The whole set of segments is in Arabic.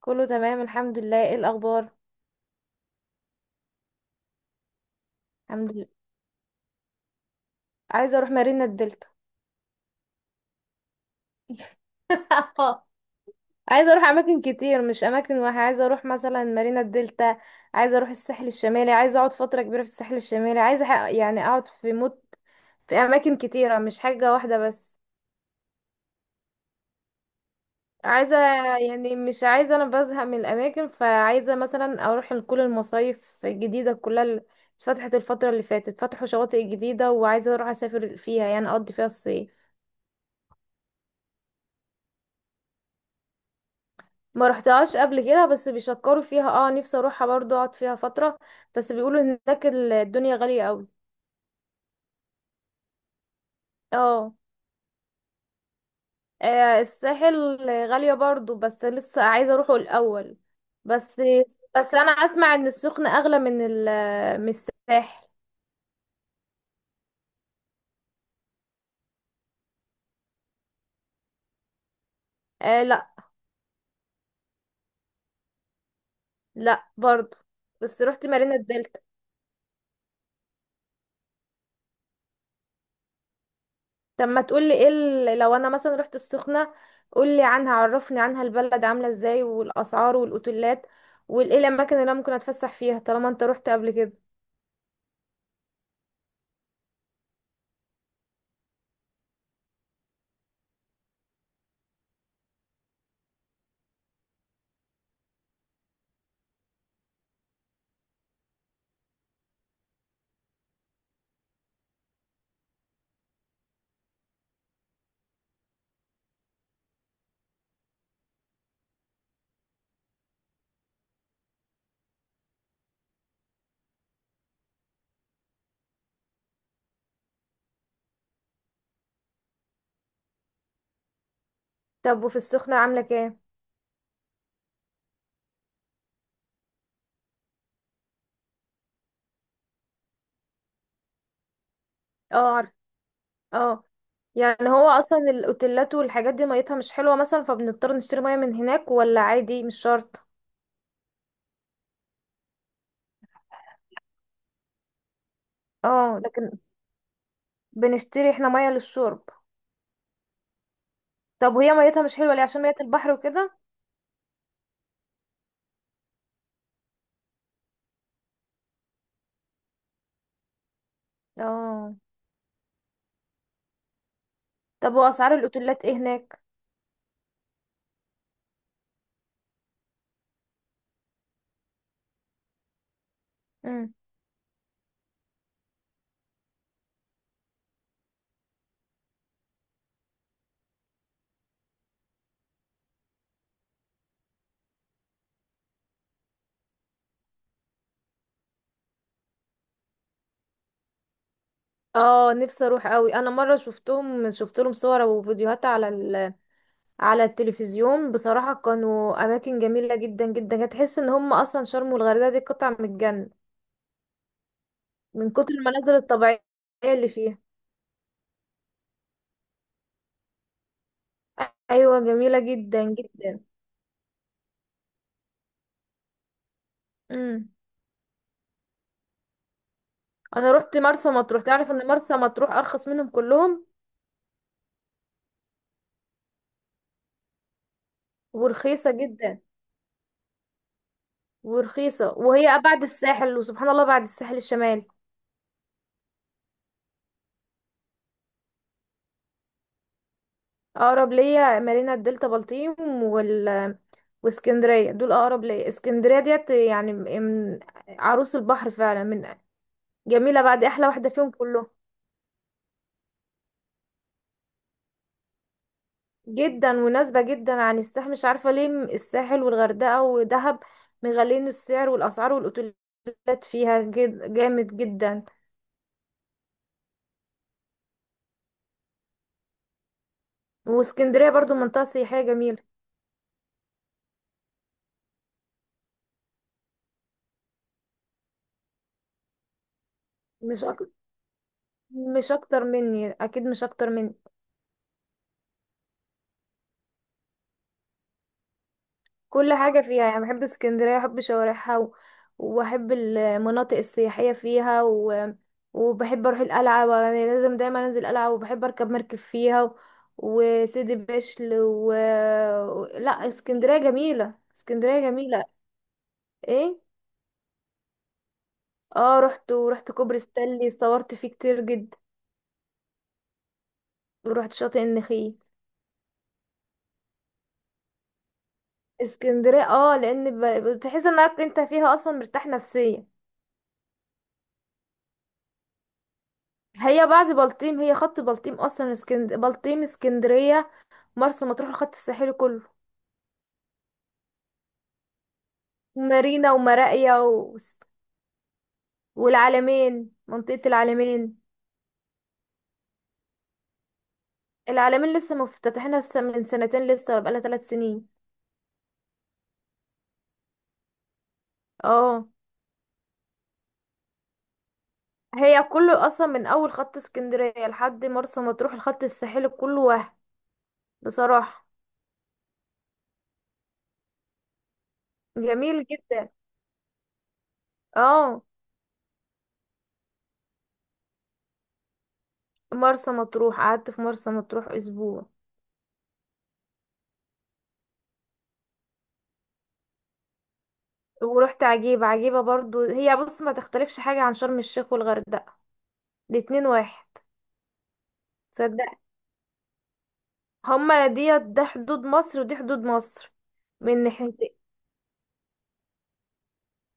كله تمام، الحمد لله. ايه الاخبار؟ الحمد لله. عايزه اروح مارينا الدلتا. عايزه اروح اماكن كتير، مش اماكن واحده. عايزه اروح مثلا مارينا الدلتا، عايزه اروح الساحل الشمالي، عايزه اقعد فتره كبيره في الساحل الشمالي، عايزه يعني اقعد في موت، في اماكن كتيره مش حاجه واحده بس. عايزه يعني مش عايزه، انا بزهق من الاماكن، فعايزه مثلا اروح لكل المصايف الجديده كلها اللي اتفتحت الفتره اللي فاتت، فتحوا شواطئ جديده وعايزه اروح اسافر فيها، يعني اقضي فيها الصيف. ما رحتهاش قبل كده بس بيشكروا فيها، اه، نفسي اروحها برضو اقعد فيها فترة. بس بيقولوا هناك الدنيا غالية قوي. اه، آه، الساحل غالية برضو، بس لسه عايزة اروحه الاول. بس بس انا اسمع ان السخنة اغلى من ال، من الساحل. آه لا. لا برضو. بس رحت مارينا الدلتا. طب ما تقولي ايه لو انا مثلا رحت السخنة، قولي عنها، عرفني عنها، البلد عاملة ازاي والاسعار والاوتيلات وايه الاماكن اللي انا ممكن اتفسح فيها طالما انت رحت قبل كده. طب وفي السخنة عاملة كام؟ اه عارف. اه. يعني هو اصلا الاوتيلات والحاجات دي ميتها مش حلوة مثلا، فبنضطر نشتري مية من هناك ولا عادي مش شرط؟ اه لكن بنشتري احنا مية للشرب. طب وهي ميتها مش حلوة ليه؟ عشان مية البحر وكده؟ اه. طب واسعار الاوتيلات ايه هناك؟ مم. اه نفسي اروح قوي. انا مره شفتهم، شفت لهم صور وفيديوهات على على التلفزيون بصراحه، كانوا اماكن جميله جدا جدا، هتحس ان هم اصلا شرم والغردقه دي قطع من الجنه، من كتر المناظر الطبيعية اللي فيها. أيوة جميلة جدا جدا. امم. أنا رحت مرسى مطروح. تعرف إن مرسى مطروح أرخص منهم كلهم؟ ورخيصة جدا. ورخيصة، وهي بعد الساحل، وسبحان الله بعد الساحل الشمالي. أقرب ليا مارينا الدلتا، بلطيم، وال، واسكندرية. دول أقرب ليا. اسكندرية ديت يعني من عروس البحر فعلا، من. جميلة، بعد أحلى واحدة فيهم كلهم. جدا مناسبة جدا عن الساحل، مش عارفة ليه الساحل والغردقة ودهب مغالين السعر، والأسعار والأوتيلات فيها جد جامد جدا. واسكندرية برضو منطقة سياحية جميلة. مش أك... مش أكتر مني، أكيد مش أكتر مني. كل حاجة فيها. يعني بحب اسكندرية، بحب شوارعها وبحب المناطق السياحية فيها وبحب اروح القلعة، يعني لازم دايما انزل القلعة، وبحب اركب مركب فيها وسيدي بشر لا اسكندرية جميلة، اسكندرية جميلة. ايه؟ اه رحت، ورحت كوبري ستانلي، صورت فيه كتير جدا. ورحت شاطئ النخيل. اسكندرية، اه، لان بتحس انك انت فيها اصلا مرتاح نفسيا. هي بعد بلطيم، هي خط بلطيم اصلا بلطيم اسكندرية مرسى مطروح الخط الساحلي كله. مارينا ومراقيا والعلمين، منطقة العلمين. العلمين لسه مفتتحينها من سنتين لسه، ولا بقالها 3 سنين. اه. هي كله اصلا من اول خط اسكندرية لحد مرسى مطروح، الخط الساحلي كله، وهم بصراحة جميل جدا. اه مرسى مطروح، قعدت في مرسى مطروح اسبوع. ورحت عجيبة، عجيبة برضو. هي بص، ما تختلفش حاجة عن شرم الشيخ والغردقة، الاتنين واحد. تصدق؟ هما ديت، ده حدود مصر ودي حدود مصر، من ناحيتين.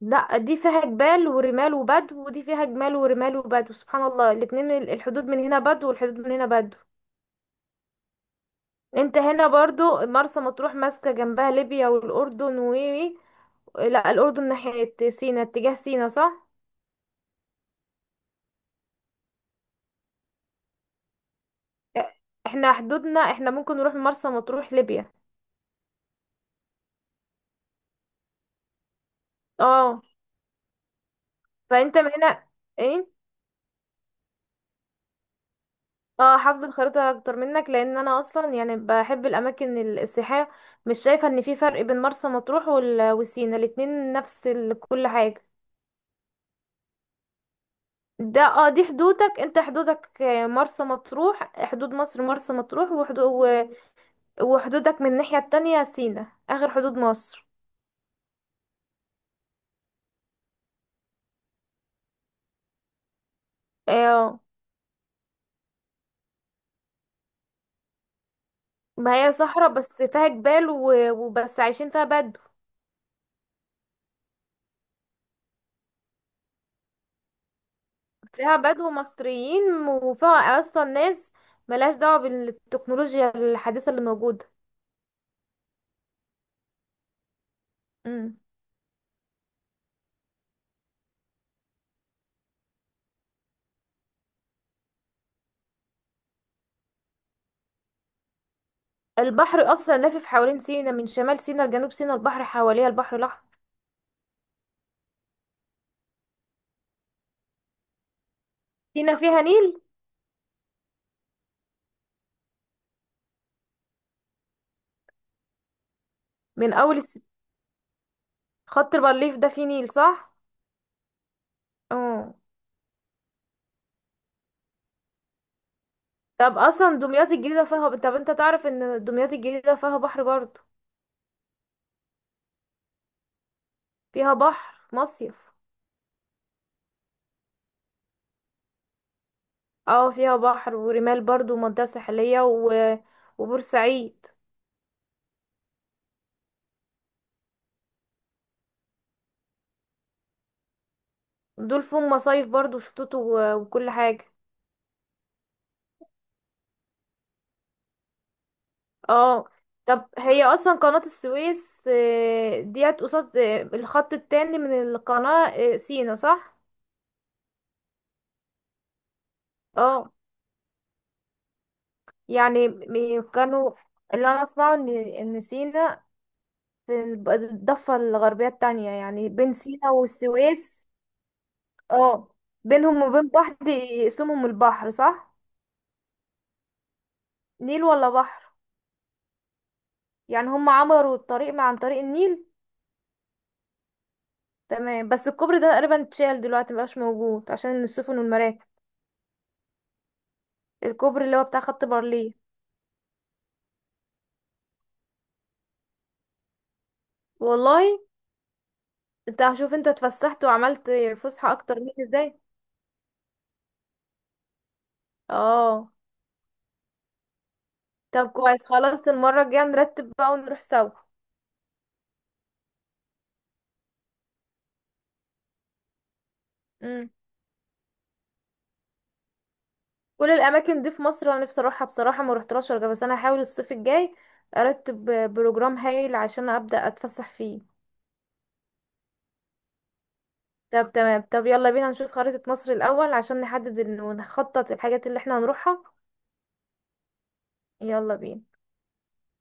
لا دي فيها جبال ورمال وبدو، ودي فيها جمال ورمال وبدو، سبحان الله. الاتنين الحدود من هنا بدو والحدود من هنا بدو. انت هنا برضو مرسى مطروح ماسكة جنبها ليبيا والأردن و... لا الأردن ناحية سينا، اتجاه سينا صح؟ اه، احنا حدودنا، احنا ممكن نروح مرسى مطروح ليبيا. اه. فانت من هنا. إيه؟ اه حافظه الخريطه اكتر منك، لان انا اصلا يعني بحب الاماكن السياحيه. مش شايفه ان في فرق بين مرسى مطروح وسينا، الاتنين نفس كل حاجه. ده اه دي حدودك، انت حدودك آه، مرسى مطروح حدود مصر، مرسى مطروح وحدود، وحدودك من الناحيه التانية سينا، اخر حدود مصر. اه. ما هي صحراء بس فيها جبال وبس عايشين فيها بدو. فيها بدو مصريين، وفيها اصلا ناس ملهاش دعوه بالتكنولوجيا الحديثه اللي موجوده. مم. البحر أصلا لافف حوالين سينا، من شمال سينا لجنوب سينا البحر حواليها، البحر الأحمر. سينا فيها نيل؟ من أول خط الريف ده فيه نيل صح؟ اه. طب أصلا دمياط الجديدة فيها، طب أنت تعرف إن دمياط الجديدة فيها بحر برضه؟ فيها بحر، مصيف. اه فيها بحر ورمال برضه ومنطقة ساحلية وبورسعيد، دول فيهم مصايف برضه وشطوط وكل حاجة. اه طب هي اصلا قناة السويس آه، ديت قصاد آه، الخط التاني من القناة آه، سينا صح؟ اه يعني كانوا. اللي انا اسمعه ان سينا في الضفة الغربية التانية، يعني بين سينا والسويس. اه بينهم وبين بعض يقسمهم البحر صح؟ نيل ولا بحر؟ يعني هم عمروا الطريق مع عن طريق النيل. تمام، بس الكوبري ده تقريبا اتشال دلوقتي، مبقاش موجود عشان السفن والمراكب. الكوبري اللي هو بتاع خط بارليه. والله. انت هشوف انت اتفسحت وعملت فسحة اكتر مني ازاي. اه طب كويس، خلاص المرة الجاية نرتب بقى ونروح سوا. امم. كل الاماكن دي في مصر انا نفسي اروحها بصراحة، ما رحتهاش ولا بس انا هحاول الصيف الجاي ارتب بروجرام هايل عشان ابدأ اتفسح فيه. طب تمام طب يلا بينا نشوف خريطة مصر الاول، عشان نحدد ونخطط الحاجات اللي احنا هنروحها. يلا بينا.